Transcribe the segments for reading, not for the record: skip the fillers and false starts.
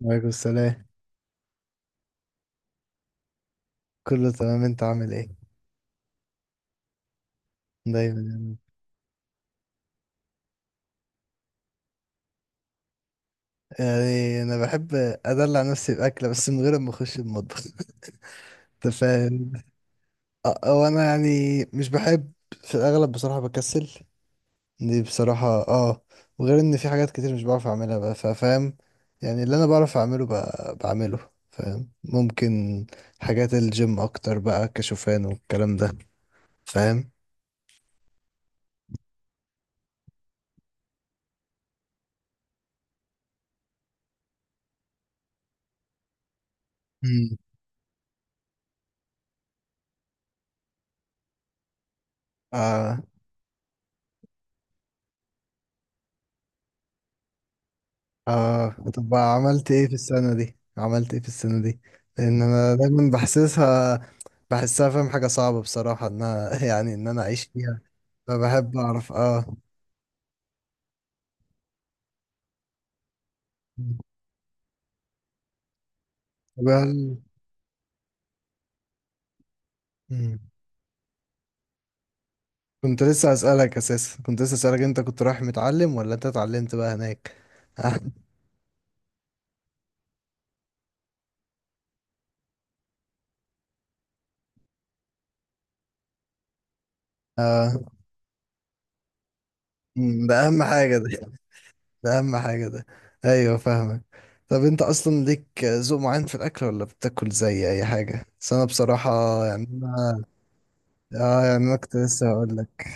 وعليكم السلام. كله تمام، انت عامل ايه؟ دايما يعني. يعني انا بحب ادلع نفسي باكله بس من غير ما اخش المطبخ انت فاهم؟ اه، هو انا يعني مش بحب. في الاغلب بصراحه بكسل، دي بصراحه اه. وغير ان في حاجات كتير مش بعرف اعملها بقى، فاهم؟ يعني اللي انا بعرف اعمله بعمله. فاهم؟ ممكن حاجات الجيم اكتر بقى، كشوفان والكلام ده. فاهم؟ امم. اه، طب عملت ايه في السنة دي؟ عملت ايه في السنة دي؟ لان انا دايما بحسسها، بحسها فاهم حاجة صعبة بصراحة ان أنا يعني ان انا اعيش فيها. فبحب اعرف اه. طب هل. مم. كنت لسه اسألك اساسا، كنت لسه اسألك، انت كنت رايح متعلم ولا انت اتعلمت بقى هناك؟ اه. مم، ده اهم حاجة ده، ده اهم حاجة ده. ايوه فاهمك. طب انت اصلا ليك ذوق معين في الاكل ولا بتاكل زي اي حاجة؟ بس انا بصراحة يعني اه، يعني انا كنت لسه هقول لك.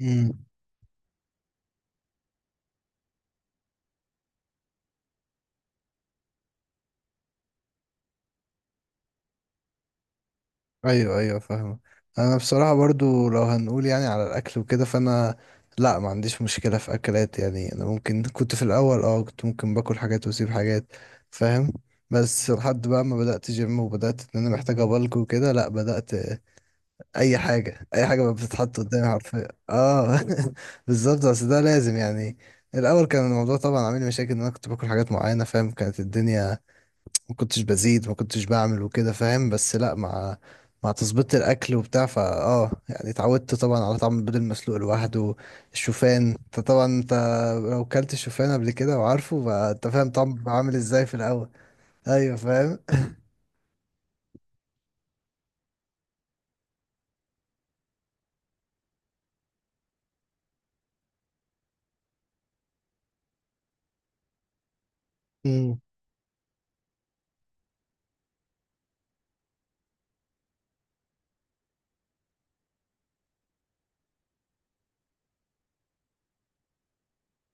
امم. ايوه ايوه فاهمه. انا بصراحه برضو لو هنقول يعني على الاكل وكده فانا لا، ما عنديش مشكله في اكلات. يعني انا ممكن كنت في الاول اه، كنت ممكن باكل حاجات واسيب حاجات فاهم. بس لحد بقى ما بدات جيم وبدات ان انا محتاج ابلك وكده، لا، بدات اي حاجه، اي حاجه بقى بتتحط قدامي حرفيا اه. بالظبط، بس ده لازم يعني. الاول كان الموضوع طبعا عامل لي مشاكل ان انا كنت باكل حاجات معينه فاهم، كانت الدنيا ما كنتش بزيد، ما كنتش بعمل وكده فاهم. بس لا، مع تظبيط الاكل وبتاع فا اه، يعني اتعودت طبعا على طعم البيض المسلوق لوحده. الشوفان انت طبعا انت لو كلت الشوفان قبل كده وعارفه فانت فاهم طعم عامل ازاي في الاول. ايوه فاهم. مم.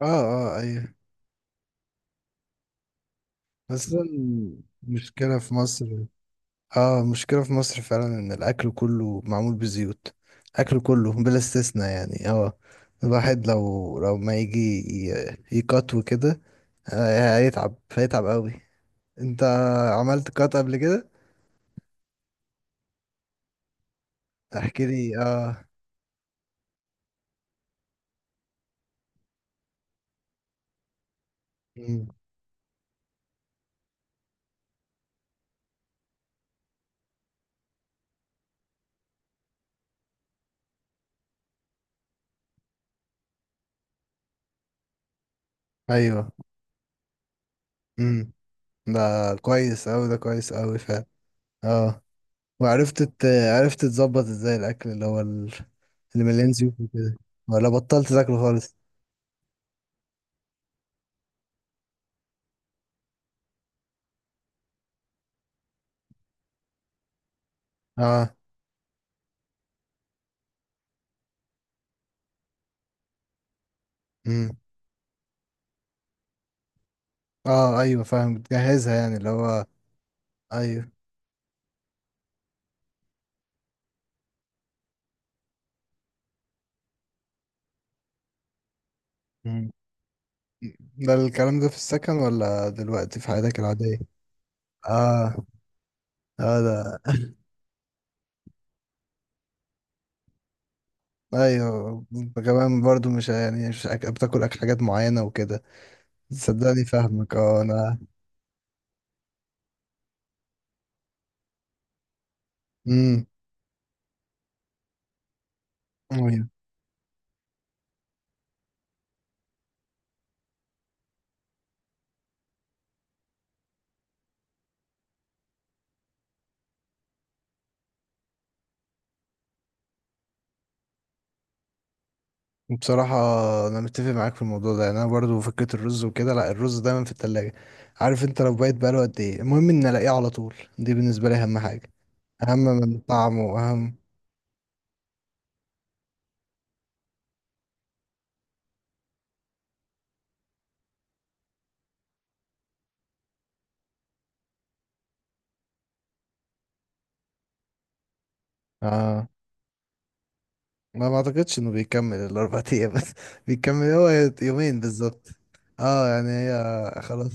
اه اه ايوه. بس ده المشكلة في مصر. اه، المشكلة في مصر فعلا ان الاكل كله معمول بزيوت، اكل كله بلا استثناء يعني اه. الواحد لو ما يجي يقط وكده هيتعب، هيتعب قوي. انت عملت قط قبل كده؟ احكي لي اه. مم. ايوه. امم. ده كويس قوي، ده كويس قوي فعلا. اه. وعرفت تت- عرفت تظبط ازاي الاكل اللي هو اللي مليان زيوت وكده؟ ولا بطلت تاكله خالص؟ اه اه ايوه فاهم، بتجهزها يعني اللي هو. ايوه. مم. ده الكلام ده في السكن ولا دلوقتي في حياتك العادية؟ اه اه، ده ايوه. كمان برضو مش يعني مش أك... بتاكل اكل حاجات معينة وكده. صدقني فاهمك اه، انا. امم. ايوه. بصراحة أنا متفق معاك في الموضوع ده. يعني أنا برضو فكرة الرز وكده، لأ الرز دايما في التلاجة. عارف أنت لو بقيت بقاله قد إيه، المهم إن ألاقيه على طول، دي بالنسبة لي أهم حاجة، أهم من طعمه أهم. آه، ما ما اعتقدش انه بيكمل الاربع ايام، بس بيكمل هو يومين بالظبط. اه يعني هي خلاص.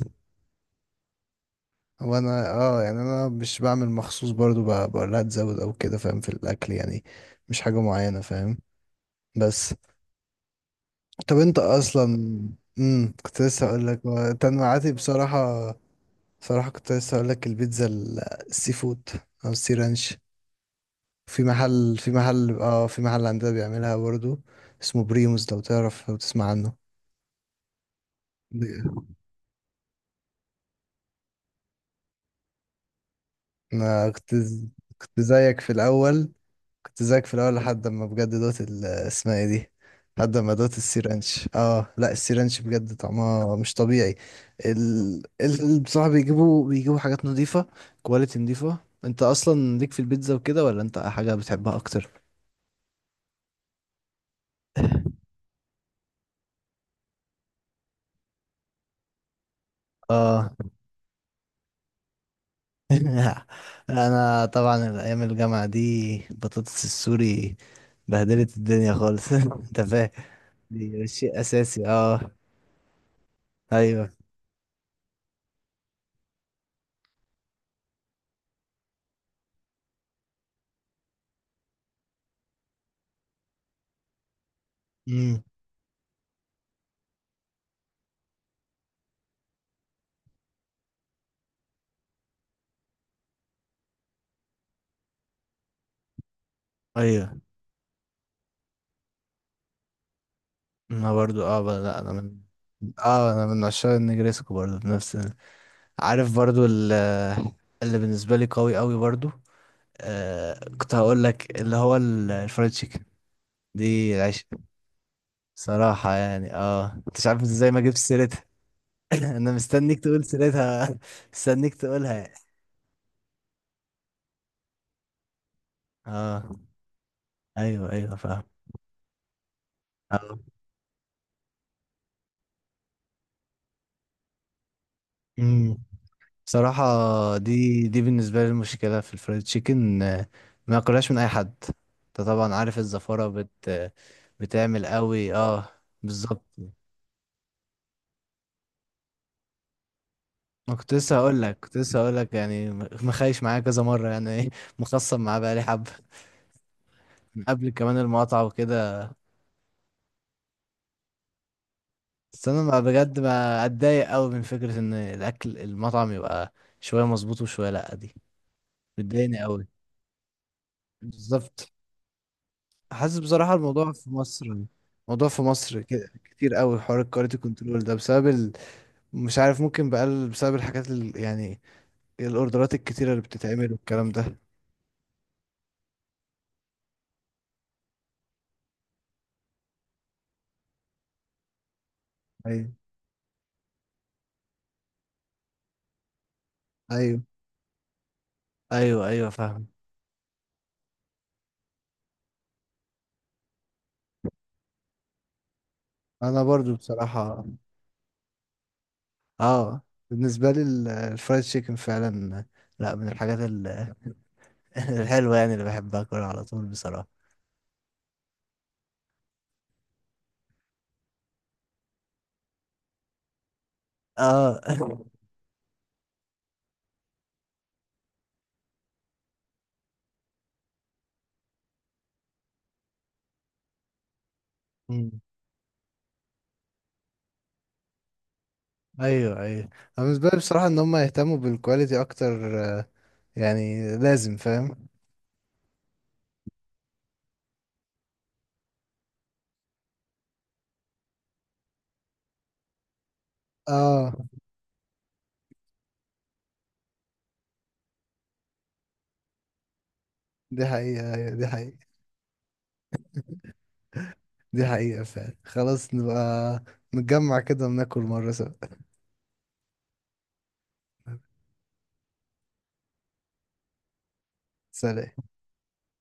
وانا اه يعني انا مش بعمل مخصوص برضو، بقول لها تزود او كده فاهم، في الاكل يعني. مش حاجة معينة فاهم. بس. طب انت اصلا. امم، كنت لسه اقول لك هو تنوعاتي بصراحة. بصراحة كنت لسه اقول لك البيتزا السي فود، او السي رانش. في محل، في محل اه، في محل عندنا بيعملها برضو، اسمه بريموس، لو تعرف، لو تسمع عنه. انا كنت زيك في الاول، كنت زيك في الاول لحد ما بجد دوت اسمها ايه دي، لحد ما دوت السيرانش. اه لا، السيرانش بجد طعمها مش طبيعي. بصراحة بيجيبوا حاجات نظيفة، كواليتي نظيفة. انت اصلا ليك في البيتزا وكده، ولا انت حاجة بتحبها اكتر؟ اه انا طبعا الايام الجامعة دي البطاطس السوري بهدلت الدنيا خالص انت فاهم. دي شيء اساسي اه. ايوه. امم. ايوه. انا برضو اه بقى، لا انا من اه، انا من عشاق النجريسكو برضو، بنفس عارف برضو اللي بالنسبه لي قوي قوي برضو. آه كنت هقول لك اللي هو الفرايد تشيكن، دي العيش صراحه يعني. اه، انت مش عارف ازاي ما جبتش سيرتها. انا مستنيك تقول سيرتها، مستنيك تقولها يعني. اه ايوه ايوه فاهم. اه. صراحة، دي بالنسبة لي المشكلة في الفرايد تشيكن ما اكلهاش من اي حد. انت طبعا عارف الزفارة بت بتعمل قوي اه. بالظبط. ما كنت لسه هقول لك، كنت لسه هقول لك، يعني مخايش معايا كذا مرة يعني ايه مخصم معاه بقالي حبة، من قبل كمان المقاطعة وكده. بس انا ما بجد ما اتضايق قوي من فكرة ان الاكل المطعم يبقى شوية مظبوط وشوية لأ، دي بتضايقني قوي. بالظبط. حاسس بصراحة الموضوع في مصر، الموضوع في مصر كتير قوي حوار الكواليتي كنترول ده بسبب مش عارف، ممكن بقى بسبب الحاجات يعني الاوردرات الكتيرة اللي بتتعمل والكلام ده. ايوه ايوه ايوه فاهم. انا برضو بصراحة اه، بالنسبة لي الفرايد تشيكن فعلا لا، من الحاجات الحلوة يعني، اللي بحبها اكلها على طول بصراحة. اه مم. ايوه ايوه. أنا بالنسبة لي بصراحة ان هم يهتموا بالكواليتي اكتر يعني لازم فاهم. اه، دي حقيقة أيوة، دي حقيقة. دي حقيقة فعلا. خلاص نبقى نتجمع كده وناكل مرة سوا. سلام.